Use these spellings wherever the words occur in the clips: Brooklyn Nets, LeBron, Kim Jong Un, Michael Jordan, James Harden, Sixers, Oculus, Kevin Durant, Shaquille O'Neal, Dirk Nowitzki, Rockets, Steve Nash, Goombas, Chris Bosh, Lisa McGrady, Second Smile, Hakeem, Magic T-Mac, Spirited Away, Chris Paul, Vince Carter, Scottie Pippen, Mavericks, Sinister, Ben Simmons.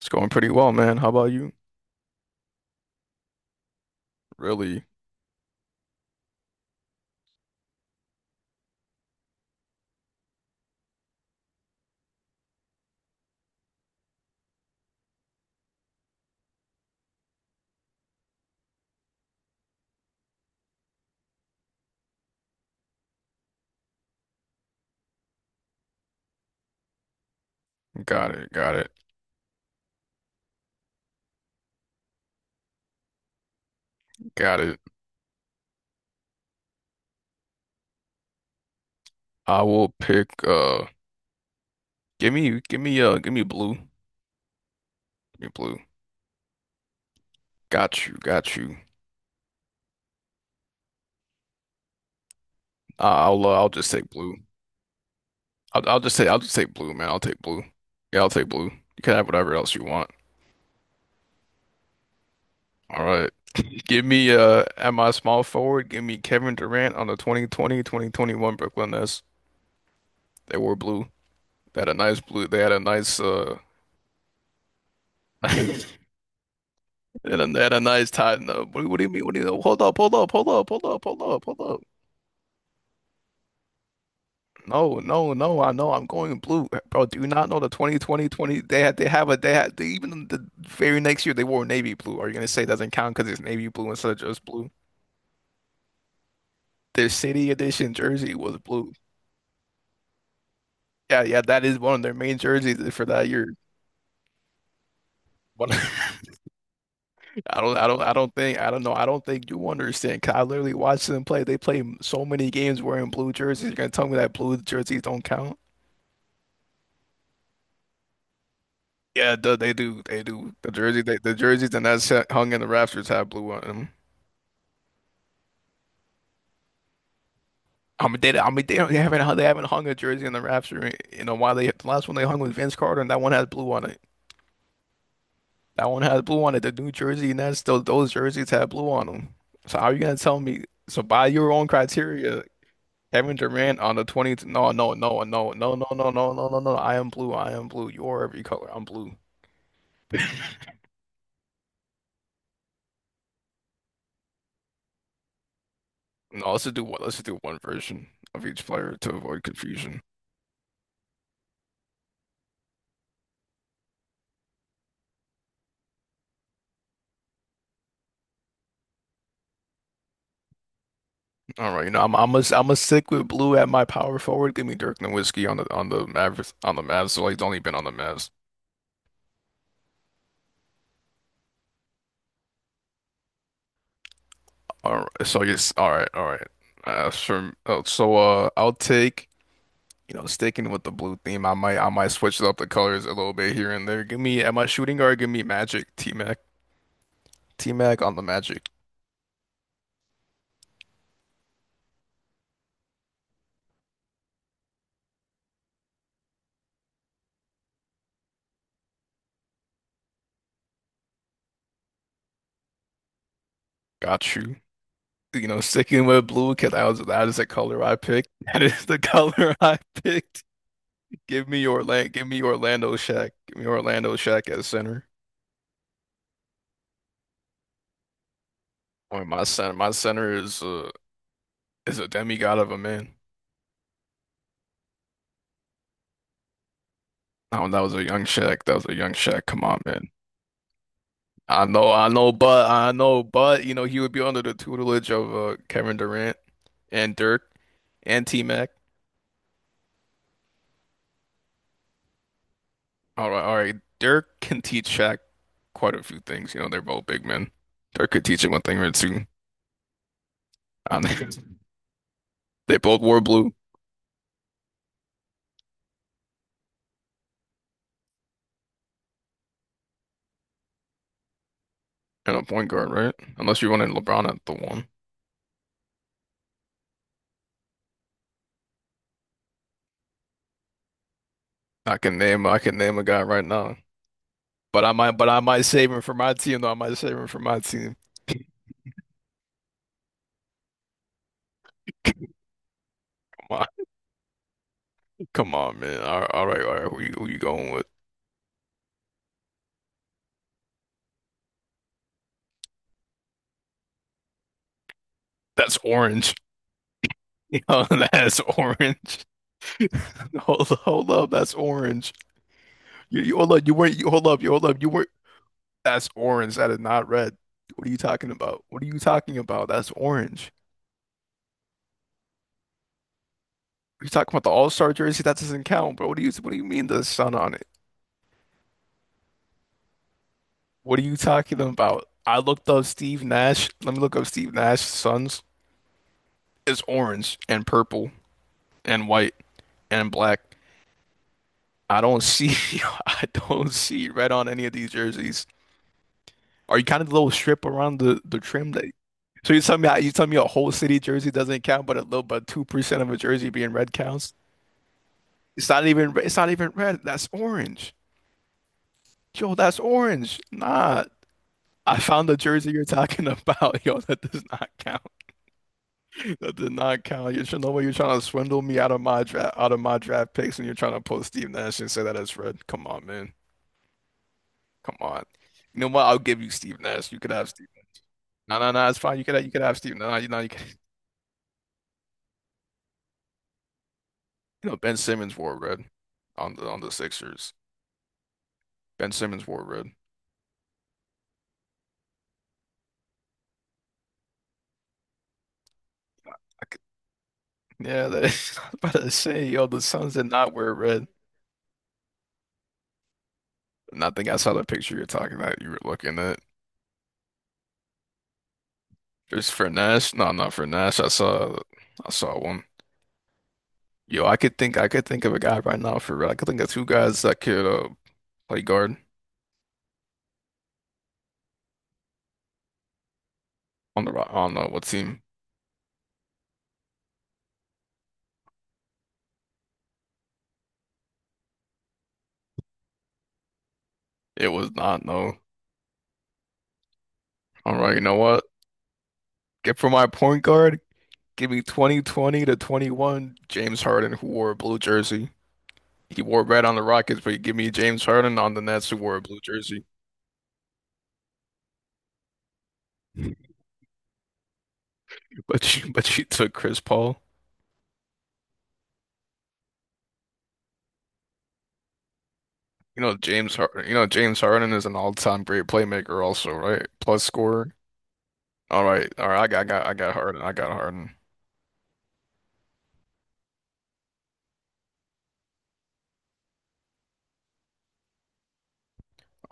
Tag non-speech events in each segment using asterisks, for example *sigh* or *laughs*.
It's going pretty well, man. How about you? Really? Got it. Got it. Got it. I will pick give me blue. Give me blue. Got you. Got you. I'll just take blue. I'll just say I'll just take blue, man. I'll take blue. Yeah, I'll take blue. You can have whatever else you want. All right. *laughs* Give me at my small forward, give me Kevin Durant on the 2020-2021 Brooklyn Nets. They wore blue. They had a nice blue. They had a nice *laughs* And, at a nice time. No, what do you mean? What do you Hold up, hold up, hold up, hold up, hold up, hold up. No, no, no. I know I'm going blue, bro. Do you not know the 2020, 20, twenty? They had, they have a, they had, they, Even the very next year they wore navy blue. Are you gonna say it doesn't count because it's navy blue instead of just blue? Their city edition jersey was blue. Yeah, yeah, that is one of their main jerseys for that year. One- *laughs* I don't, I don't, I don't think, I don't know, I don't think you understand. 'Cause I literally watched them play. They play so many games wearing blue jerseys. You're gonna tell me that blue jerseys don't count? Yeah, duh, they do. They do. The jersey, the jerseys, and that's hung in the rafters have blue on them. I mean, they don't, they haven't hung a jersey in the rafter. You know why they? The last one they hung was Vince Carter, and that one has blue on it. That one has blue on it. The new jersey, and that's still those jerseys have blue on them. So how are you gonna tell me? So by your own criteria, Kevin Durant on the 20th? No, no, no, no, no, no, no, no, no, no, no. I am blue. I am blue. You're every color. I'm blue. No, let's just do one. Let's just do one version of each player to avoid confusion. All right, you know, I'm a stick with blue at my power forward. Give me Dirk Nowitzki on the Mavericks on the Mavs. So he's only been on the Mavs. All right, so yes, all right, all right. Sure. Oh, so I'll take, sticking with the blue theme. I might switch up the colors a little bit here and there. Give me at my shooting guard. Give me Magic T-Mac on the Magic. Got you. You know, sticking with blue because that is the color I picked. *laughs* That is the color I picked. Give me Orlando Shack. Give me Orlando Shack at center. Boy, my center is a demigod of a man. Oh, that was a young Shaq. That was a young Shaq. Come on, man. I know, but he would be under the tutelage of Kevin Durant and Dirk and T-Mac. All right, all right. Dirk can teach Shaq quite a few things. You know, they're both big men. Dirk could teach him one thing or two. I don't *laughs* They both wore blue and a point guard, right? Unless you wanted LeBron at the one. I can name a guy right now. But I might save him for my team, though. I might save him for my team. Come on, *laughs* come on, man. All right, all right, all right. Who you going with? That's orange. *laughs* Yo, that's orange. *laughs* Hold up, hold up. That's orange. You hold up. You weren't. You hold up. You hold up. You weren't. That's orange. That is not red. What are you talking about? What are you talking about? That's orange. You talking about the All-Star jersey? That doesn't count, bro. What do you mean the sun on it? What are you talking about? I looked up Steve Nash. Let me look up Steve Nash's sons. It's orange and purple, and white and black. I don't see *laughs* I don't see red on any of these jerseys. Are you kind of the little strip around the trim that? So you tell me a whole city jersey doesn't count, but a little but 2% of a jersey being red counts. It's not even red. That's orange. Yo, that's orange. Nah. I found the jersey you're talking about. *laughs* Yo, that does not count. *laughs* That does not count. You should know what you're trying to swindle me out of my draft picks and you're trying to pull Steve Nash and say that it's red. Come on, man. Come on. You know what? I'll give you Steve Nash. You could have Steve. No, no, no. It's fine. You could have, Steve. No, no, you know you can. You know Ben Simmons wore red on the Sixers. Ben Simmons wore red. I could, yeah, that *laughs* is, I was about to say, yo, the Suns did not wear red. And I think I saw the picture you're talking about. You were looking at just for Nash. No, not for Nash. I saw one. Yo, I could think of a guy right now for red. I could think of two guys that could play guard on what team? It was not no. All right, you know what? Get for my point guard, give me 2020 to 21 James Harden who wore a blue jersey. He wore red on the Rockets, but you give me James Harden on the Nets who wore a blue jersey. *laughs* But you took Chris Paul. You know James Harden is an all-time great playmaker also, right? Plus scorer. All right. All right, I got Harden. I got Harden.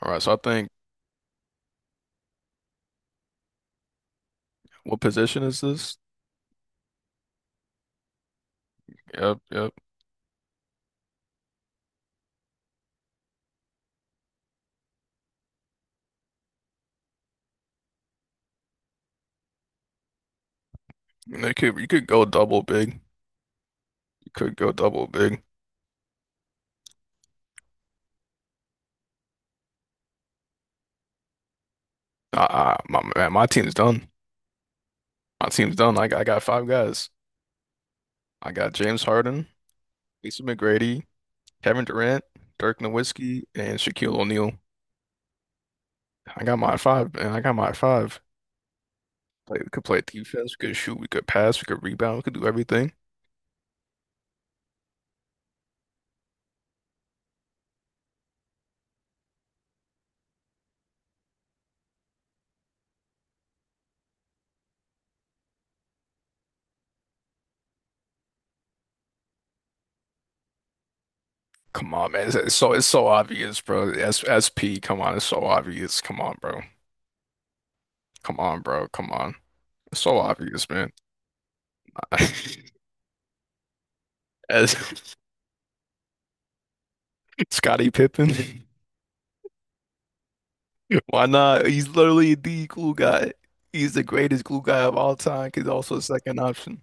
All right. So I think what position is this? Yep, yep. You know, you could go double big. You could go double big. My man, my team's done. My team's done. I got five guys. I got James Harden, Lisa McGrady, Kevin Durant, Dirk Nowitzki, and Shaquille O'Neal. I got my five, man. I got my five. We could play defense. We could shoot. We could pass. We could rebound. We could do everything. Come on, man. It's so obvious, bro. S SP. Come on, it's so obvious. Come on, bro. Come on, bro. Come on. It's so obvious, man. *laughs* As *laughs* Scottie Pippen. *laughs* Why not? He's literally the glue guy. He's the greatest glue guy of all time. He's also a second option.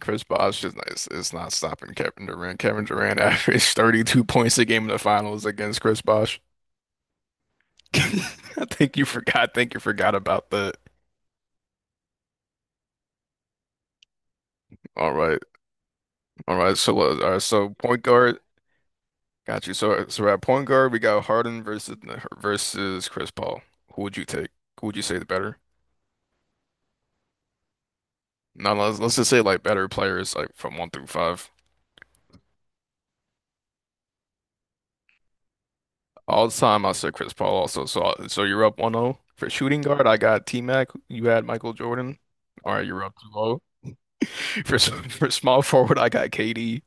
Chris Bosh is not, it's not stopping Kevin Durant. Kevin Durant *laughs* averaged 32 points a game in the finals against Chris Bosh. *laughs* I think you forgot. I think you forgot about that. All right. All right. So, all right, so point guard. Got you. So, at point guard, we got Harden versus Chris Paul. Who would you take? Who would you say is better? No, let's just say like better players, like from one through five. All the time I said Chris Paul also. So, you're up 1-0 for shooting guard. I got T-Mac. You had Michael Jordan. All right, you're up 2-0. *laughs* For s- for small forward, I got KD.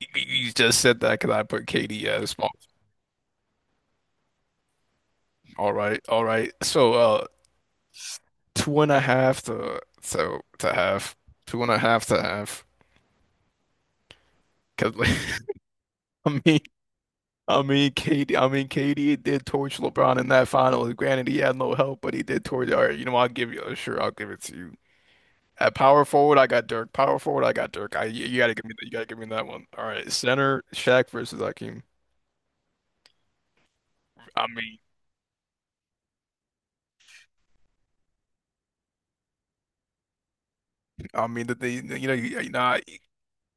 You just said that because I put KD as small. All right, all right. So, two and a half to to half, two and a half to half. Because like, *laughs* I mean, I mean KD, I mean KD did torch LeBron in that final. Granted, he had no help, but he did torch. All right, you know, I'll give you. Sure, I'll give it to you. At power forward, I got Dirk. Power forward, I got Dirk. I You gotta give me that one. All right, center Shaq versus Hakeem. I mean, I mean that they you know you,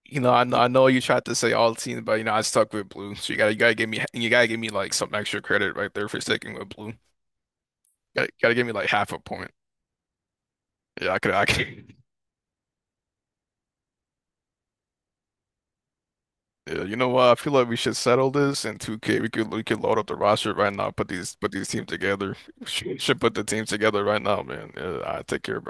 you know I, know you tried to say all teams, but you know I stuck with blue. So you gotta give me you gotta give me like some extra credit right there for sticking with blue. Gotta give me like half a point. Yeah, I could. *laughs* Yeah, you know what? I feel like we should settle this in 2K. We could load up the roster right now. Put these teams together. *laughs* Put the teams together right now, man. Yeah, I take care, bro.